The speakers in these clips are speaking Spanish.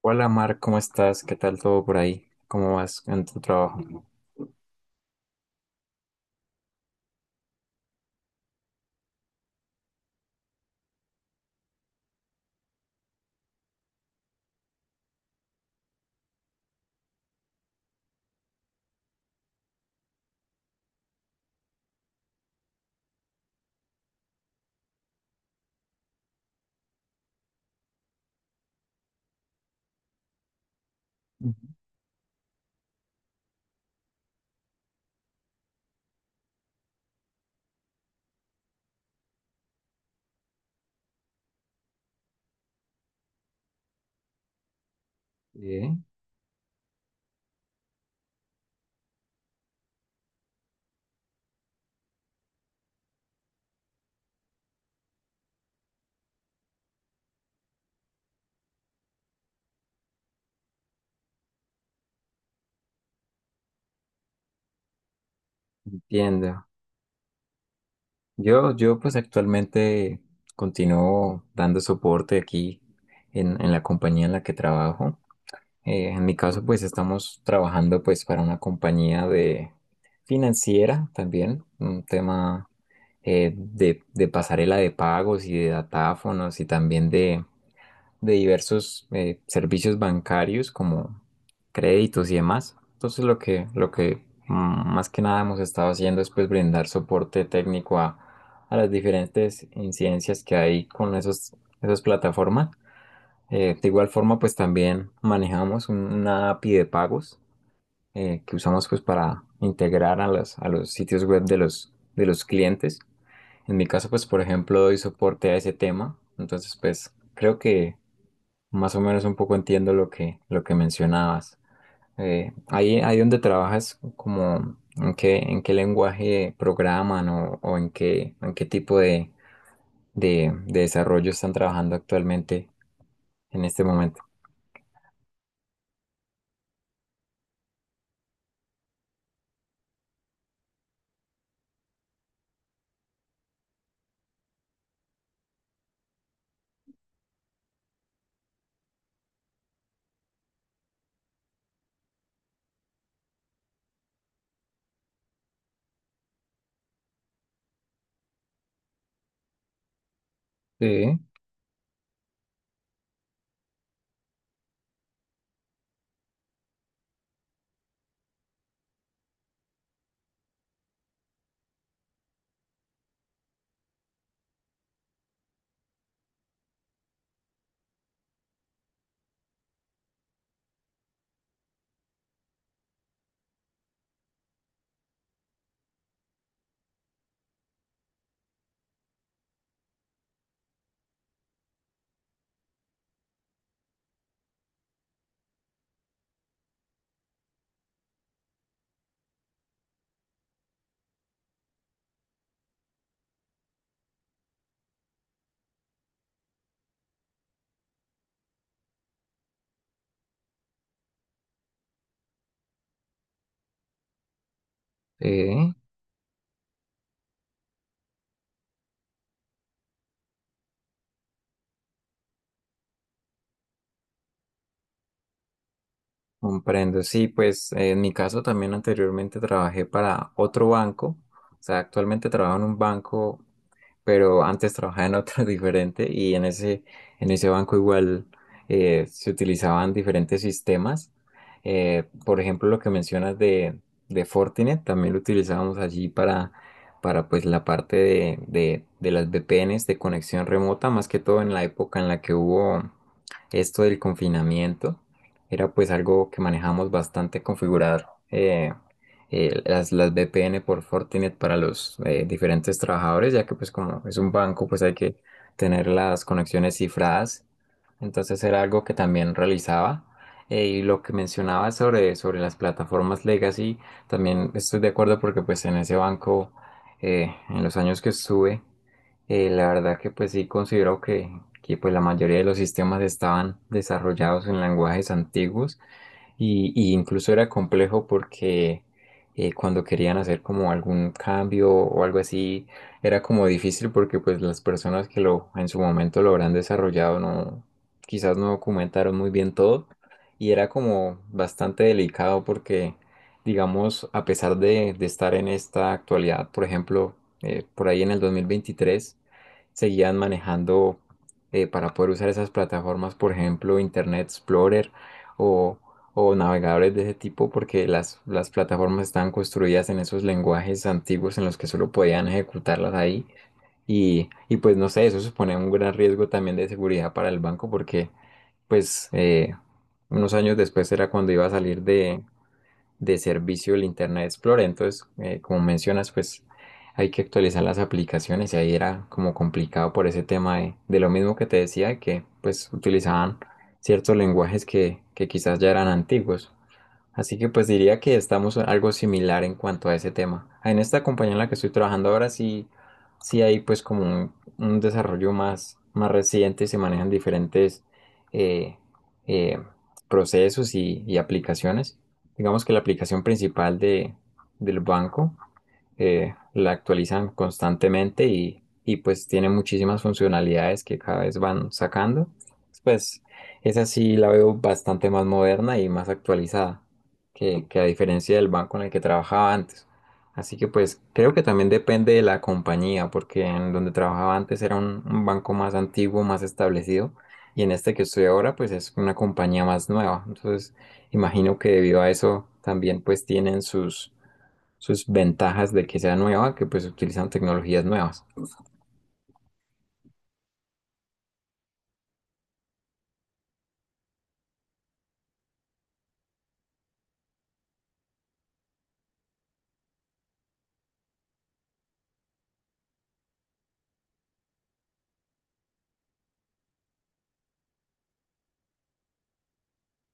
Hola Mar, ¿cómo estás? ¿Qué tal todo por ahí? ¿Cómo vas en tu trabajo? Ujú. Bien, entiendo. Yo pues actualmente continúo dando soporte aquí en la compañía en la que trabajo. En mi caso pues estamos trabajando pues para una compañía de financiera también, un tema de pasarela de pagos y de datáfonos y también de diversos servicios bancarios como créditos y demás. Entonces lo que más que nada hemos estado haciendo es pues brindar soporte técnico a las diferentes incidencias que hay con esas plataformas. De igual forma pues también manejamos una API de pagos que usamos pues para integrar a a los sitios web de de los clientes. En mi caso, pues, por ejemplo, doy soporte a ese tema, entonces, pues, creo que más o menos un poco entiendo lo que mencionabas. Ahí donde trabajas, como en qué lenguaje programan o en en qué tipo de desarrollo están trabajando actualmente en este momento. Sí, sí, comprendo. Sí, pues, en mi caso también anteriormente trabajé para otro banco, o sea, actualmente trabajo en un banco pero antes trabajaba en otro diferente y en en ese banco igual se utilizaban diferentes sistemas. Por ejemplo, lo que mencionas de Fortinet, también lo utilizábamos allí para pues, la parte de las VPNs de conexión remota, más que todo en la época en la que hubo esto del confinamiento. Era pues algo que manejamos bastante configurar. Las VPN por Fortinet para los diferentes trabajadores, ya que pues como es un banco, pues hay que tener las conexiones cifradas. Entonces era algo que también realizaba. Y lo que mencionaba sobre las plataformas legacy, también estoy de acuerdo porque pues en ese banco, en los años que estuve, la verdad que pues sí considero que pues la mayoría de los sistemas estaban desarrollados en lenguajes antiguos y incluso era complejo porque cuando querían hacer como algún cambio o algo así, era como difícil porque pues las personas que lo en su momento lo habrán desarrollado no, quizás no documentaron muy bien todo y era como bastante delicado porque digamos a pesar de estar en esta actualidad, por ejemplo, por ahí en el 2023 seguían manejando para poder usar esas plataformas, por ejemplo, Internet Explorer o o navegadores de ese tipo porque las plataformas estaban construidas en esos lenguajes antiguos en los que solo podían ejecutarlas ahí. Y pues no sé, eso supone un gran riesgo también de seguridad para el banco porque pues unos años después era cuando iba a salir de servicio del Internet Explorer. Entonces, como mencionas, pues hay que actualizar las aplicaciones y ahí era como complicado por ese tema de lo mismo que te decía, que pues utilizaban ciertos lenguajes que quizás ya eran antiguos. Así que pues diría que estamos algo similar en cuanto a ese tema. En esta compañía en la que estoy trabajando ahora sí hay pues como un desarrollo más reciente y se manejan diferentes eh, eh, procesos y aplicaciones. Digamos que la aplicación principal del banco la actualizan constantemente y pues tiene muchísimas funcionalidades que cada vez van sacando. Pues esa sí la veo bastante más moderna y más actualizada que a diferencia del banco en el que trabajaba antes. Así que pues creo que también depende de la compañía, porque en donde trabajaba antes era un banco más antiguo, más establecido, y en este que estoy ahora pues es una compañía más nueva. Entonces imagino que debido a eso también pues tienen sus sus ventajas de que sea nueva, que pues utilizan tecnologías nuevas.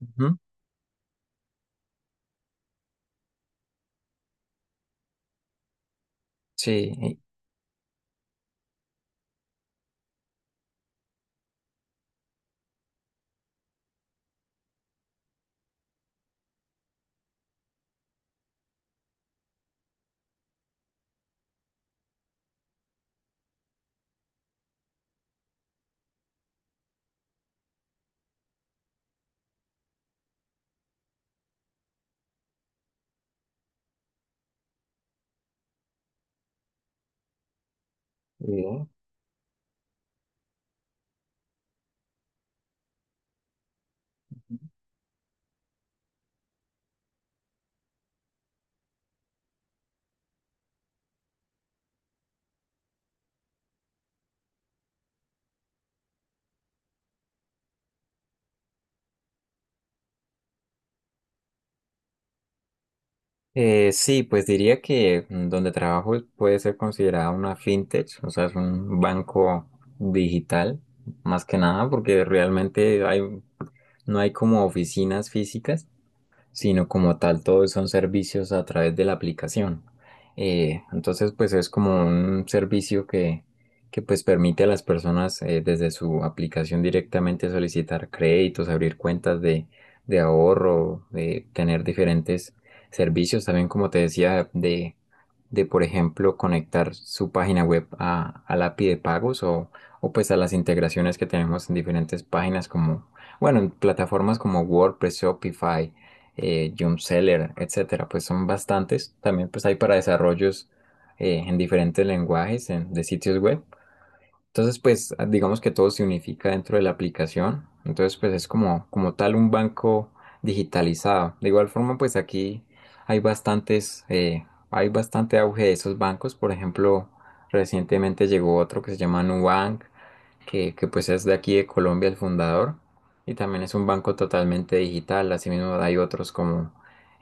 Ujú. Sí, y- y, sí, pues diría que donde trabajo puede ser considerada una fintech, o sea, es un banco digital, más que nada, porque realmente no hay como oficinas físicas, sino como tal todos son servicios a través de la aplicación. Entonces, pues es como un servicio que pues permite a las personas desde su aplicación directamente solicitar créditos, abrir cuentas de ahorro, de tener diferentes servicios, también como te decía, de por ejemplo conectar su página web a la API de pagos o pues a las integraciones que tenemos en diferentes páginas como, bueno, en plataformas como WordPress, Shopify Jump Seller, etcétera, pues son bastantes. También pues hay para desarrollos en diferentes lenguajes de sitios web. Entonces pues digamos que todo se unifica dentro de la aplicación. Entonces pues es como, como tal un banco digitalizado. De igual forma pues aquí hay hay bastante auge de esos bancos. Por ejemplo, recientemente llegó otro que se llama Nubank que pues es de aquí de Colombia el fundador y también es un banco totalmente digital. Asimismo hay otros como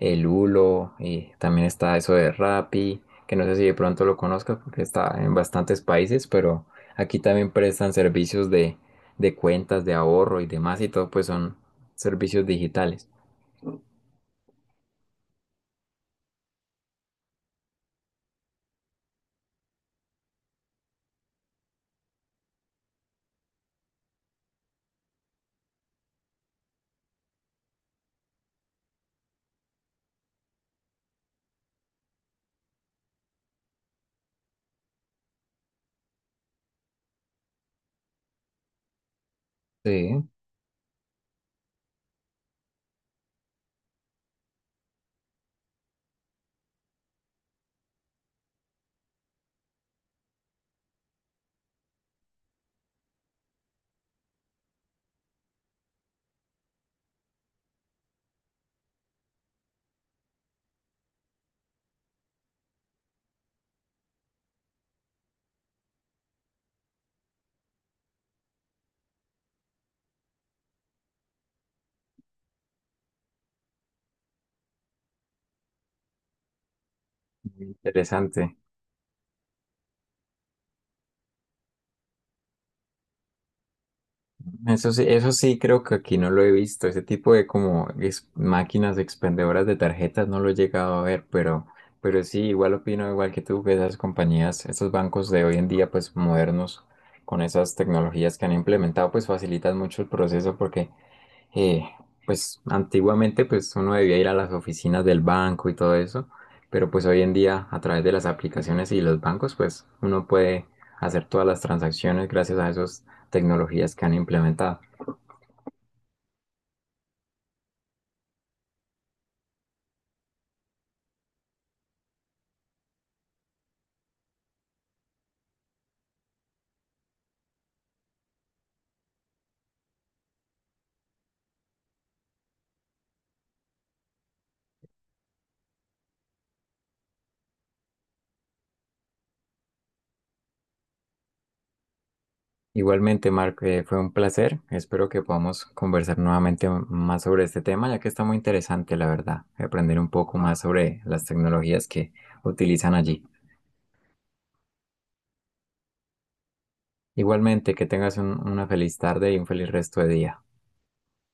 el Ulo y también está eso de Rappi, que no sé si de pronto lo conozcas porque está en bastantes países, pero aquí también prestan servicios de cuentas, de ahorro y demás y todo pues son servicios digitales. Sí, interesante. Eso sí creo que aquí no lo he visto. Ese tipo de como máquinas expendedoras de tarjetas no lo he llegado a ver, pero sí, igual opino igual que tú que esas compañías, esos bancos de hoy en día, pues modernos, con esas tecnologías que han implementado, pues facilitan mucho el proceso porque eh, pues antiguamente pues uno debía ir a las oficinas del banco y todo eso, pero pues hoy en día a través de las aplicaciones y los bancos pues uno puede hacer todas las transacciones gracias a esas tecnologías que han implementado. Igualmente, Mark, fue un placer. Espero que podamos conversar nuevamente más sobre este tema, ya que está muy interesante, la verdad, aprender un poco más sobre las tecnologías que utilizan allí. Igualmente, que tengas una feliz tarde y un feliz resto de día.